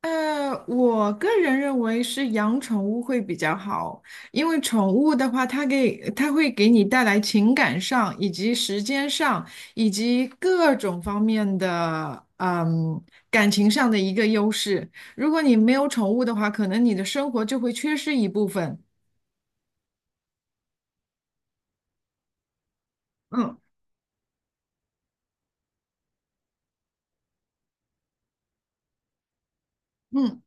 我个人认为是养宠物会比较好，因为宠物的话，它会给你带来情感上，以及时间上，以及各种方面的，感情上的一个优势。如果你没有宠物的话，可能你的生活就会缺失一部分。嗯嗯。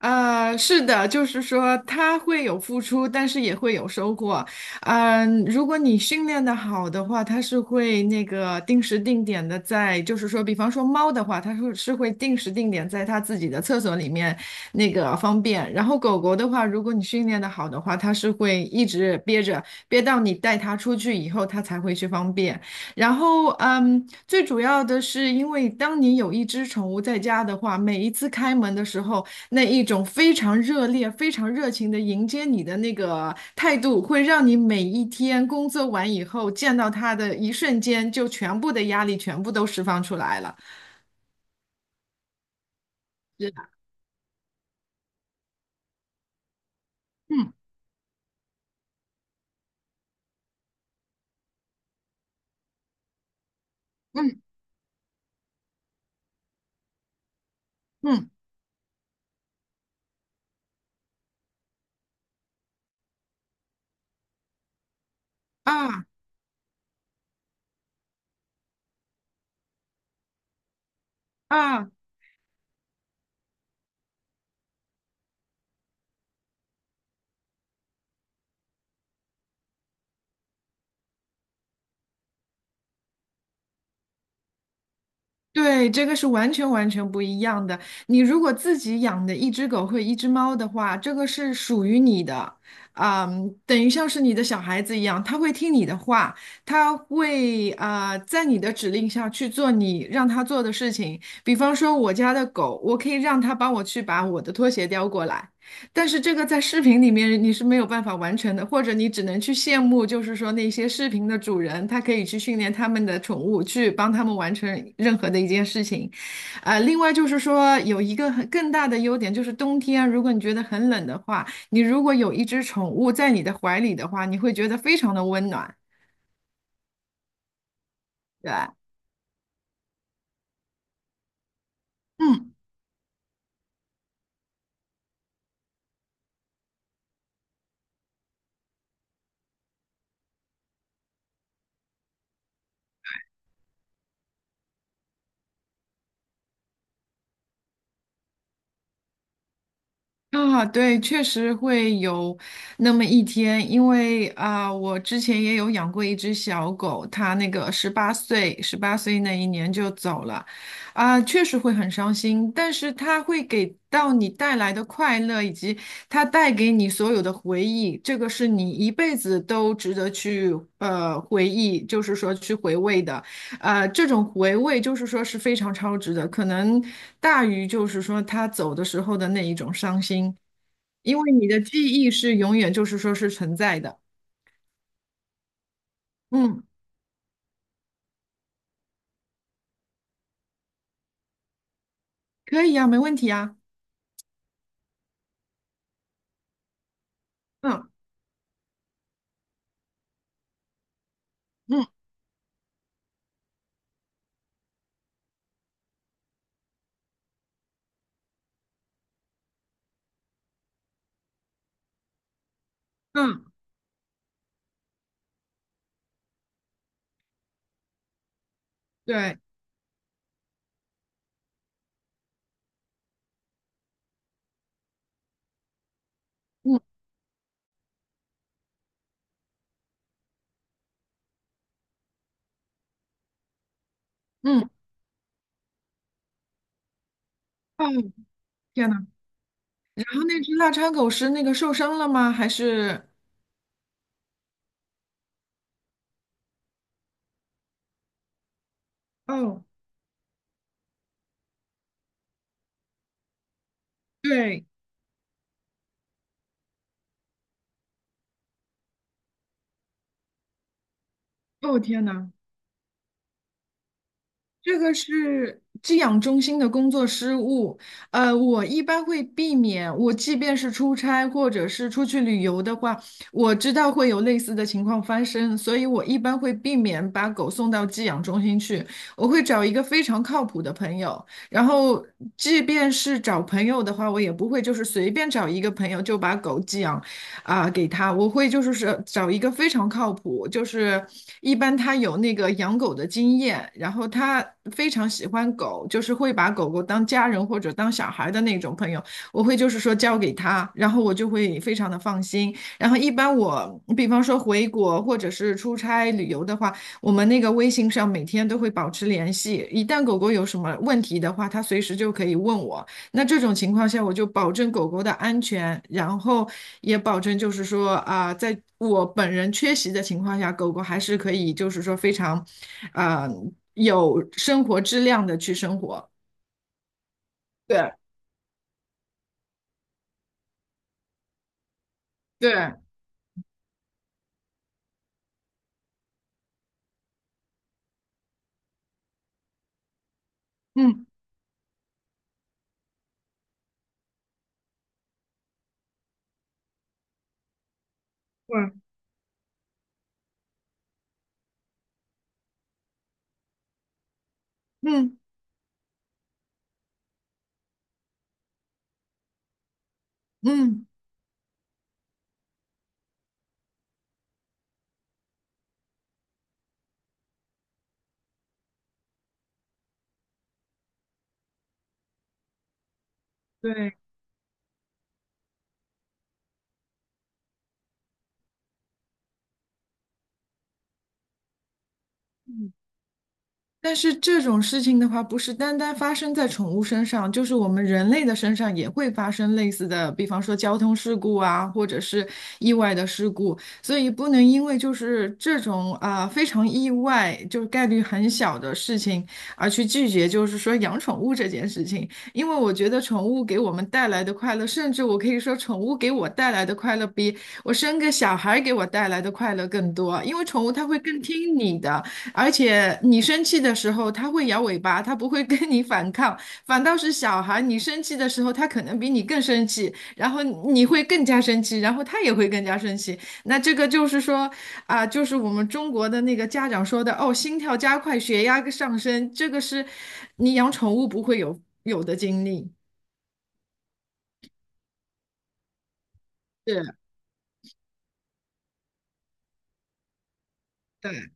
是的，就是说它会有付出，但是也会有收获。如果你训练的好的话，它是会那个定时定点的在，就是说，比方说猫的话，它是会定时定点在它自己的厕所里面那个方便。然后狗狗的话，如果你训练的好的话，它是会一直憋着，憋到你带它出去以后，它才会去方便。然后，最主要的是，因为当你有一只宠物在家的话，每一次开门的时候，那一种非常热烈、非常热情的迎接你的那个态度，会让你每一天工作完以后见到他的一瞬间，就全部的压力全部都释放出来了。是的，嗯嗯嗯，啊啊。对，这个是完全完全不一样的。你如果自己养的一只狗或一只猫的话，这个是属于你的，啊，等于像是你的小孩子一样，它会听你的话，它会在你的指令下去做你让它做的事情。比方说我家的狗，我可以让它帮我去把我的拖鞋叼过来，但是这个在视频里面你是没有办法完成的，或者你只能去羡慕，就是说那些视频的主人，他可以去训练他们的宠物，去帮他们完成任何的一件事情。另外就是说有一个很更大的优点，就是冬天啊如果你觉得很冷的话，你如果有一只宠物在你的怀里的话，你会觉得非常的温暖，对吧？嗯。啊，对，确实会有那么一天，因为啊，我之前也有养过一只小狗，它那个十八岁那一年就走了，啊，确实会很伤心，但是它会给到你带来的快乐，以及它带给你所有的回忆，这个是你一辈子都值得去回忆，就是说去回味的。这种回味就是说是非常超值的，可能大于就是说他走的时候的那一种伤心，因为你的记忆是永远就是说是存在的。嗯，可以呀、没问题呀。嗯嗯嗯，对，嗯嗯，哦，天呐，然后那只腊肠狗是那个受伤了吗？还是？哦，对，哦天呐。这个是寄养中心的工作失误，我一般会避免，我即便是出差或者是出去旅游的话，我知道会有类似的情况发生，所以我一般会避免把狗送到寄养中心去，我会找一个非常靠谱的朋友，然后即便是找朋友的话，我也不会就是随便找一个朋友就把狗寄养给他，我会就是找一个非常靠谱，就是一般他有那个养狗的经验，然后他非常喜欢狗，就是会把狗狗当家人或者当小孩的那种朋友，我会就是说交给他，然后我就会非常的放心。然后一般我比方说回国或者是出差旅游的话，我们那个微信上每天都会保持联系，一旦狗狗有什么问题的话，他随时就可以问我。那这种情况下，我就保证狗狗的安全，然后也保证就是说在我本人缺席的情况下，狗狗还是可以就是说非常，啊、有生活质量的去生活。对对，嗯，对，嗯嗯，对。但是这种事情的话，不是单单发生在宠物身上，就是我们人类的身上也会发生类似的，比方说交通事故啊，或者是意外的事故。所以不能因为就是这种非常意外，就是概率很小的事情而去拒绝，就是说养宠物这件事情。因为我觉得宠物给我们带来的快乐，甚至我可以说宠物给我带来的快乐比我生个小孩给我带来的快乐更多，因为宠物它会更听你的。而且你生气的时候，它会摇尾巴，它不会跟你反抗，反倒是小孩，你生气的时候，他可能比你更生气，然后你会更加生气，然后他也会更加生气。那这个就是说，就是我们中国的那个家长说的，哦，心跳加快，血压上升，这个是你养宠物不会有的经历。是，对，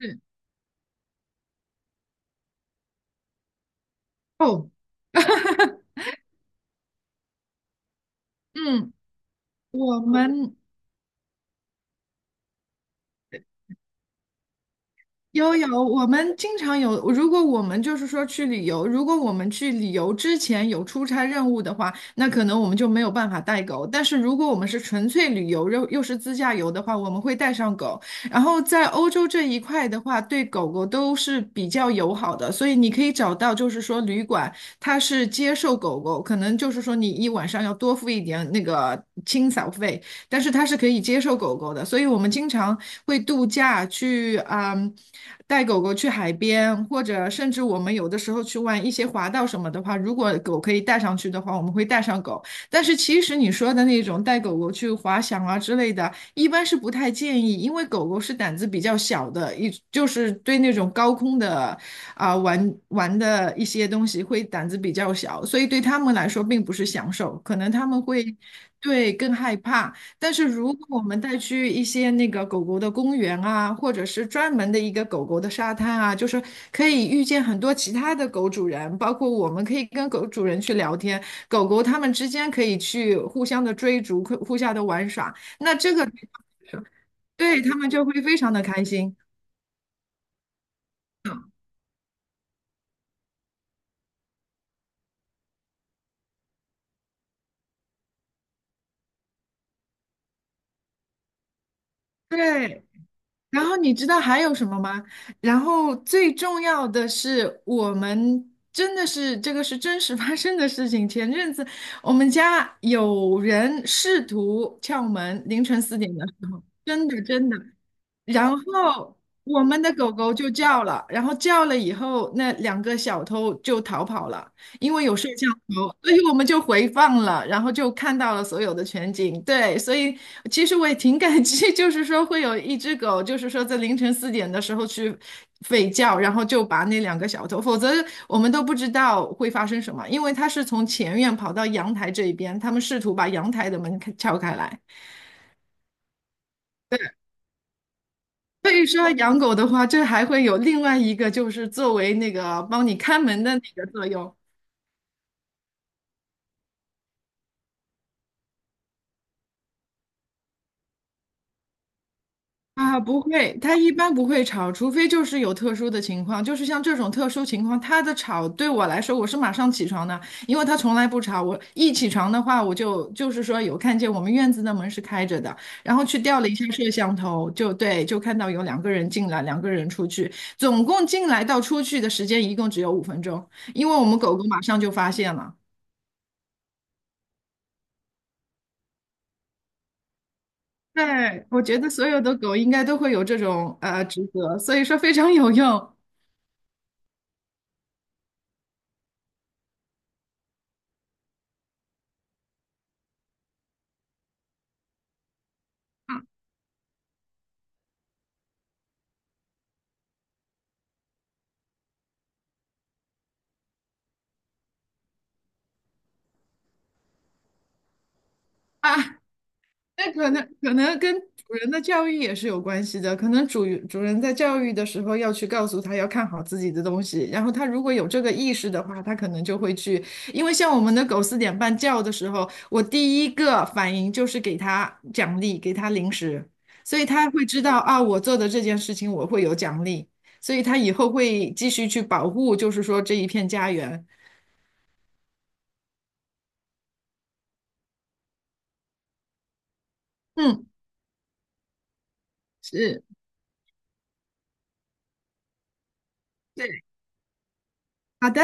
是，哦，嗯，我们。有有，我们经常有。如果我们就是说去旅游，如果我们去旅游之前有出差任务的话，那可能我们就没有办法带狗。但是如果我们是纯粹旅游，又是自驾游的话，我们会带上狗。然后在欧洲这一块的话，对狗狗都是比较友好的，所以你可以找到就是说旅馆它是接受狗狗，可能就是说你一晚上要多付一点那个清扫费。但是它是可以接受狗狗的，所以我们经常会度假去带狗狗去海边，或者甚至我们有的时候去玩一些滑道什么的话，如果狗可以带上去的话，我们会带上狗。但是其实你说的那种带狗狗去滑翔啊之类的，一般是不太建议，因为狗狗是胆子比较小的，就是对那种高空的玩玩的一些东西会胆子比较小，所以对它们来说并不是享受，可能它们会对更害怕。但是如果我们带去一些那个狗狗的公园啊，或者是专门的一个狗狗的沙滩啊，就是可以遇见很多其他的狗主人，包括我们可以跟狗主人去聊天，狗狗它们之间可以去互相的追逐，互相的玩耍，那这个对他们就会非常的开心。对，然后你知道还有什么吗？然后最重要的是，我们真的是这个是真实发生的事情。前阵子我们家有人试图撬门，凌晨四点的时候，真的真的。然后我们的狗狗就叫了，然后叫了以后，那两个小偷就逃跑了，因为有摄像头，所以我们就回放了，然后就看到了所有的全景。对，所以其实我也挺感激，就是说会有一只狗，就是说在凌晨四点的时候去吠叫，然后就把那两个小偷，否则我们都不知道会发生什么，因为它是从前院跑到阳台这一边，他们试图把阳台的门撬开来。所以说养狗的话，这还会有另外一个，就是作为那个帮你看门的那个作用啊。不会，它一般不会吵，除非就是有特殊的情况，就是像这种特殊情况，它的吵对我来说，我是马上起床的，因为它从来不吵。我一起床的话，我就是说有看见我们院子的门是开着的，然后去调了一下摄像头，就对，就看到有两个人进来，两个人出去，总共进来到出去的时间一共只有5分钟，因为我们狗狗马上就发现了。对，我觉得所有的狗应该都会有这种职责，所以说非常有用啊。那可能跟主人的教育也是有关系的，可能主人在教育的时候要去告诉他要看好自己的东西，然后他如果有这个意识的话，他可能就会去。因为像我们的狗4点半叫的时候，我第一个反应就是给它奖励，给它零食，所以它会知道啊，我做的这件事情我会有奖励。所以它以后会继续去保护，就是说这一片家园。嗯，是，对，好的。